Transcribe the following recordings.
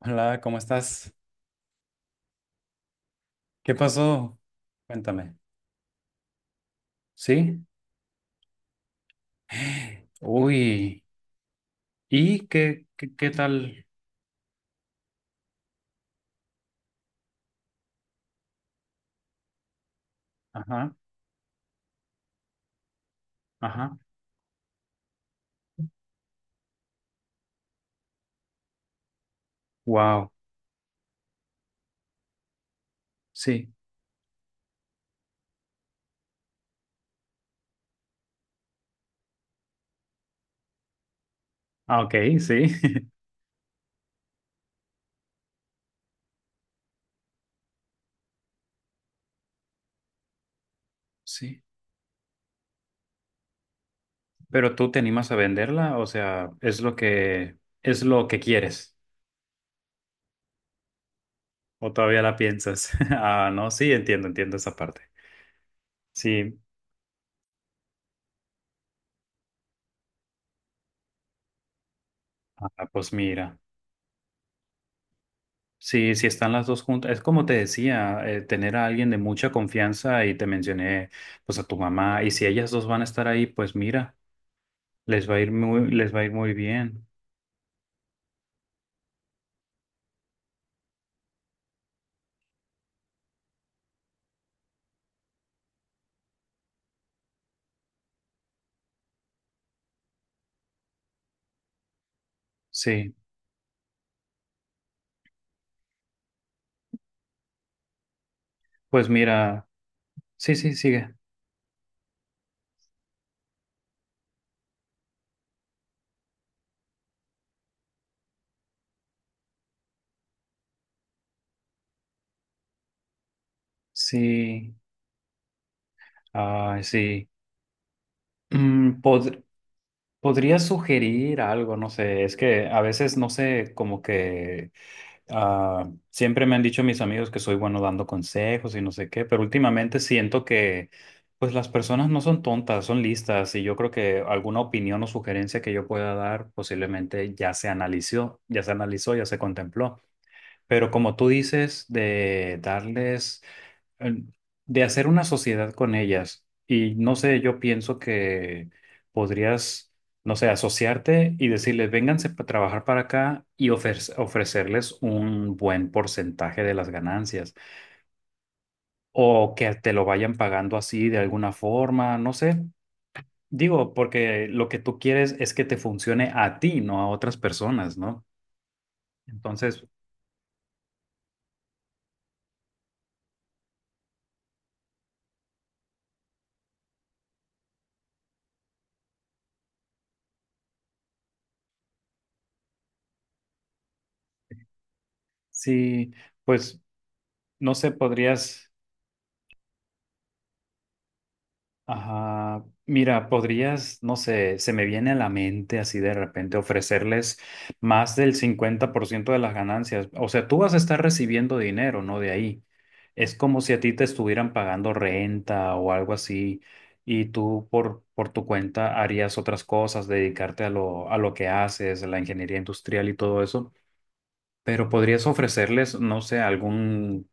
Hola, ¿cómo estás? ¿Qué pasó? Cuéntame. ¿Sí? Uy. ¿Y qué tal? Ajá, ajá. Wow. Sí. Ah, ok, sí. Sí. Pero tú te animas a venderla, o sea, es lo que quieres. ¿O todavía la piensas? Ah, no, sí, entiendo, entiendo esa parte. Sí. Ah, pues mira. Sí, sí están las dos juntas. Es como te decía, tener a alguien de mucha confianza y te mencioné pues a tu mamá, y si ellas dos van a estar ahí, pues mira, les va a ir muy bien. Sí, pues mira, sí, sí, sigue. Sí, ay, sí. Mm, pod- Podría sugerir algo, no sé, es que a veces no sé como que... Ah, siempre me han dicho mis amigos que soy bueno dando consejos y no sé qué, pero últimamente siento que pues las personas no son tontas, son listas, y yo creo que alguna opinión o sugerencia que yo pueda dar posiblemente ya se analizó, ya se contempló. Pero como tú dices de darles, eh, de hacer una sociedad con ellas. Y no sé, yo pienso que podrías, no sé, asociarte y decirles, vénganse a trabajar para acá, y ofrecerles un buen porcentaje de las ganancias, o que te lo vayan pagando así de alguna forma, no sé. Digo, porque lo que tú quieres es que te funcione a ti, no a otras personas, ¿no? Entonces, sí, pues, no sé, podrías... Ajá, mira, podrías, no sé, se me viene a la mente así de repente ofrecerles más del 50% de las ganancias. O sea, tú vas a estar recibiendo dinero, ¿no? De ahí. Es como si a ti te estuvieran pagando renta o algo así, y tú por tu cuenta harías otras cosas, dedicarte a lo que haces, a la ingeniería industrial y todo eso. Pero podrías ofrecerles, no sé, algún...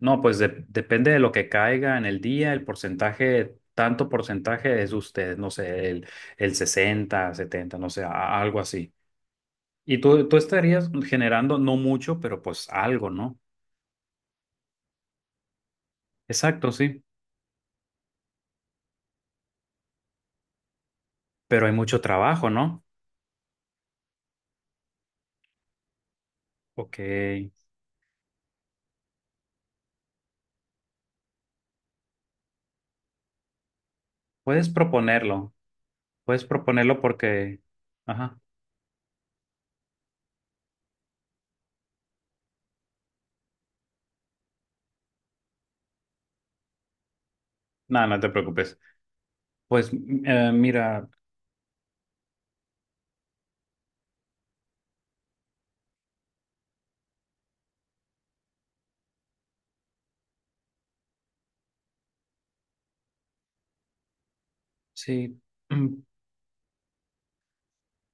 no, pues depende de lo que caiga en el día, el porcentaje, tanto porcentaje es usted, no sé, el 60, 70, no sé, algo así. Y tú estarías generando, no mucho, pero pues algo, ¿no? Exacto, sí. Pero hay mucho trabajo, ¿no? Ok. Puedes proponerlo, puedes proponerlo porque... Ajá. No, no te preocupes. Pues mira, sí.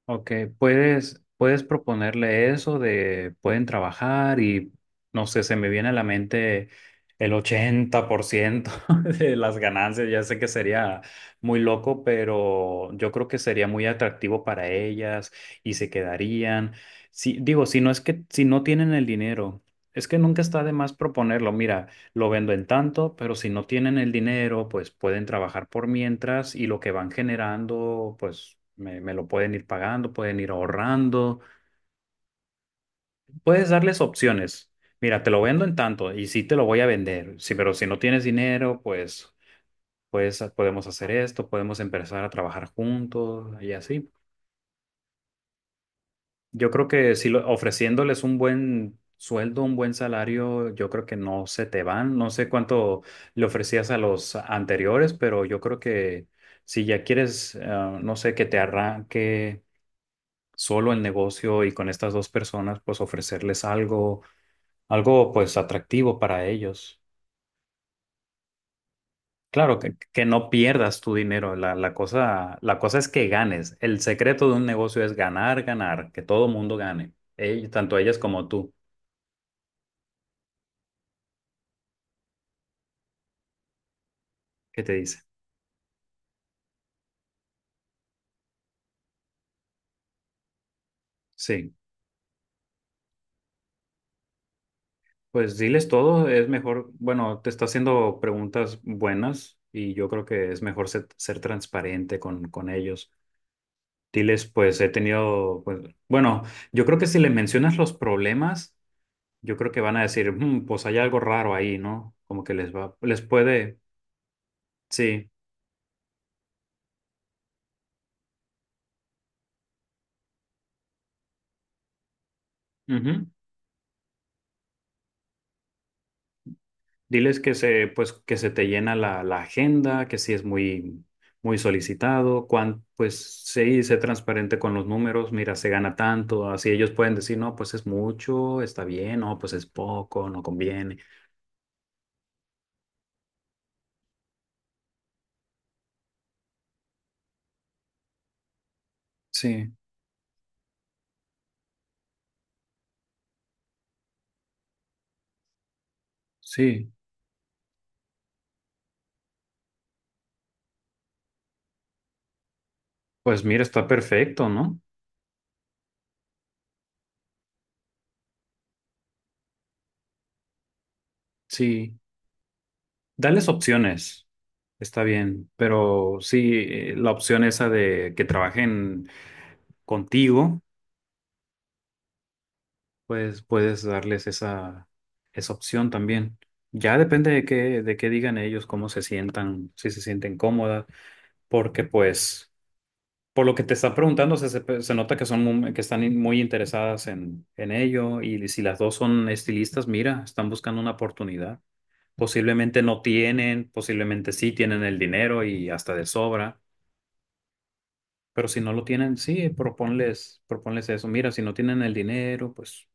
Ok, puedes proponerle eso de pueden trabajar y no sé, se me viene a la mente el 80% de las ganancias. Ya sé que sería muy loco, pero yo creo que sería muy atractivo para ellas y se quedarían. Si, digo, si no es que si no tienen el dinero, es que nunca está de más proponerlo. Mira, lo vendo en tanto, pero si no tienen el dinero, pues pueden trabajar por mientras y lo que van generando, pues me lo pueden ir pagando, pueden ir ahorrando. Puedes darles opciones. Mira, te lo vendo en tanto y sí te lo voy a vender. Sí, pero si no tienes dinero, pues, pues podemos hacer esto, podemos empezar a trabajar juntos y así. Yo creo que si ofreciéndoles un buen sueldo, un buen salario, yo creo que no se te van. No sé cuánto le ofrecías a los anteriores, pero yo creo que si ya quieres, ah, no sé, que te arranque solo el negocio, y con estas dos personas, pues ofrecerles algo, algo pues atractivo para ellos. Claro, que no pierdas tu dinero. La cosa es que ganes. El secreto de un negocio es ganar, ganar, que todo mundo gane, tanto ellas como tú. ¿Qué te dice? Sí, pues diles todo, es mejor, bueno, te está haciendo preguntas buenas y yo creo que es mejor ser transparente con ellos. Diles, pues he tenido, pues, bueno, yo creo que si le mencionas los problemas, yo creo que van a decir, "Mm, pues hay algo raro ahí, ¿no? Como que les va, les puede...", sí. Diles que se te llena la agenda, que sí es muy, muy solicitado, cuán, pues sí, sé transparente con los números, mira, se gana tanto, así ellos pueden decir, no, pues es mucho, está bien, no, pues es poco, no conviene. Sí, sí, pues mira, está perfecto, ¿no? Sí, dales opciones, está bien, pero sí, la opción esa de que trabajen contigo, pues puedes darles esa, esa opción también. Ya depende de qué digan ellos, cómo se sientan, si se sienten cómodas, porque pues, por lo que te están preguntando, se nota que son muy... que están in- muy interesadas en ello, y si las dos son estilistas, mira, están buscando una oportunidad. Posiblemente no tienen, posiblemente sí tienen el dinero y hasta de sobra, pero si no lo tienen, sí, proponles, proponles eso. Mira, si no tienen el dinero, pues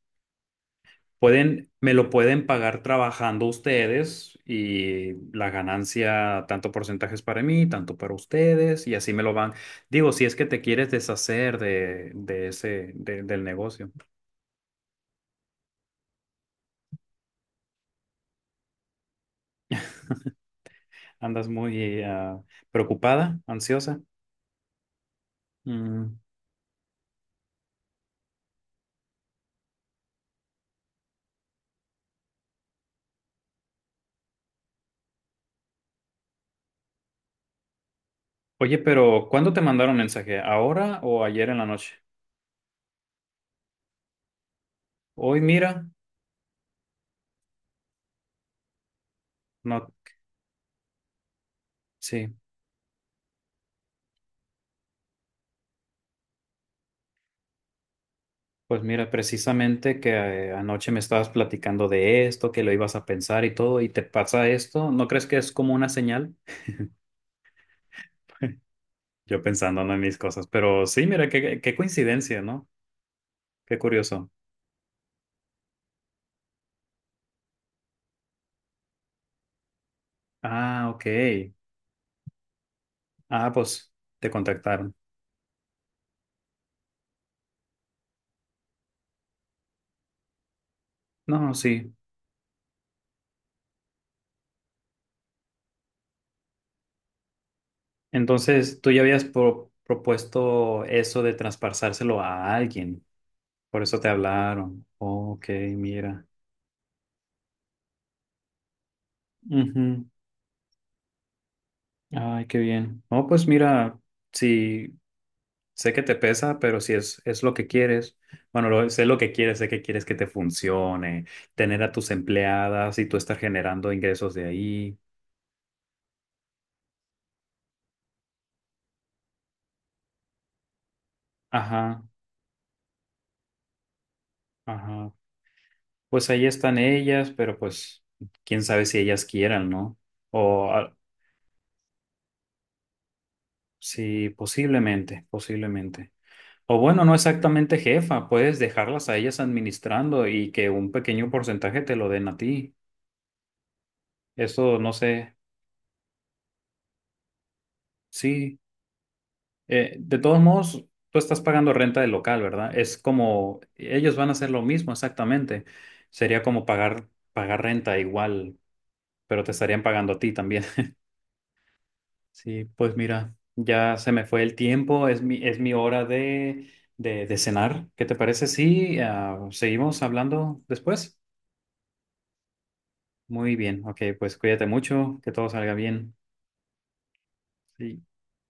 pueden, me lo pueden pagar trabajando ustedes, y la ganancia, tanto porcentajes para mí, tanto para ustedes, y así me lo van. Digo, si es que te quieres deshacer de, del negocio. Andas muy ah, preocupada, ansiosa. Mm. Oye, pero ¿cuándo te mandaron mensaje? ¿Ahora o ayer en la noche? Hoy, mira, no, sí. Pues mira, precisamente que anoche me estabas platicando de esto, que lo ibas a pensar y todo, y te pasa esto, ¿no crees que es como una señal? Yo pensando ¿no? en mis cosas, pero sí, mira, qué coincidencia, ¿no? Qué curioso. Ah, ok. Ah, pues te contactaron. No, sí. Entonces, tú ya habías propuesto eso de traspasárselo a alguien, por eso te hablaron. Ok, mira. Ujú. Ay, qué bien. Oh, pues mira. Sí, sé que te pesa, pero si es, es lo que quieres, bueno, sé lo que quieres, sé que quieres que te funcione, tener a tus empleadas y tú estar generando ingresos de ahí. Ajá, ajá. Pues ahí están ellas, pero pues quién sabe si ellas quieran, ¿no? O ah, sí, posiblemente, posiblemente. O bueno, no exactamente jefa, puedes dejarlas a ellas administrando y que un pequeño porcentaje te lo den a ti. Eso no sé. Sí. De todos modos, tú estás pagando renta del local, ¿verdad? Es como, ellos van a hacer lo mismo exactamente. Sería como pagar, pagar renta igual, pero te estarían pagando a ti también. Sí, pues mira, ya se me fue el tiempo, es mi hora de, de cenar. ¿Qué te parece si ah, seguimos hablando después? Muy bien, ok, pues cuídate mucho, que todo salga bien. Sí.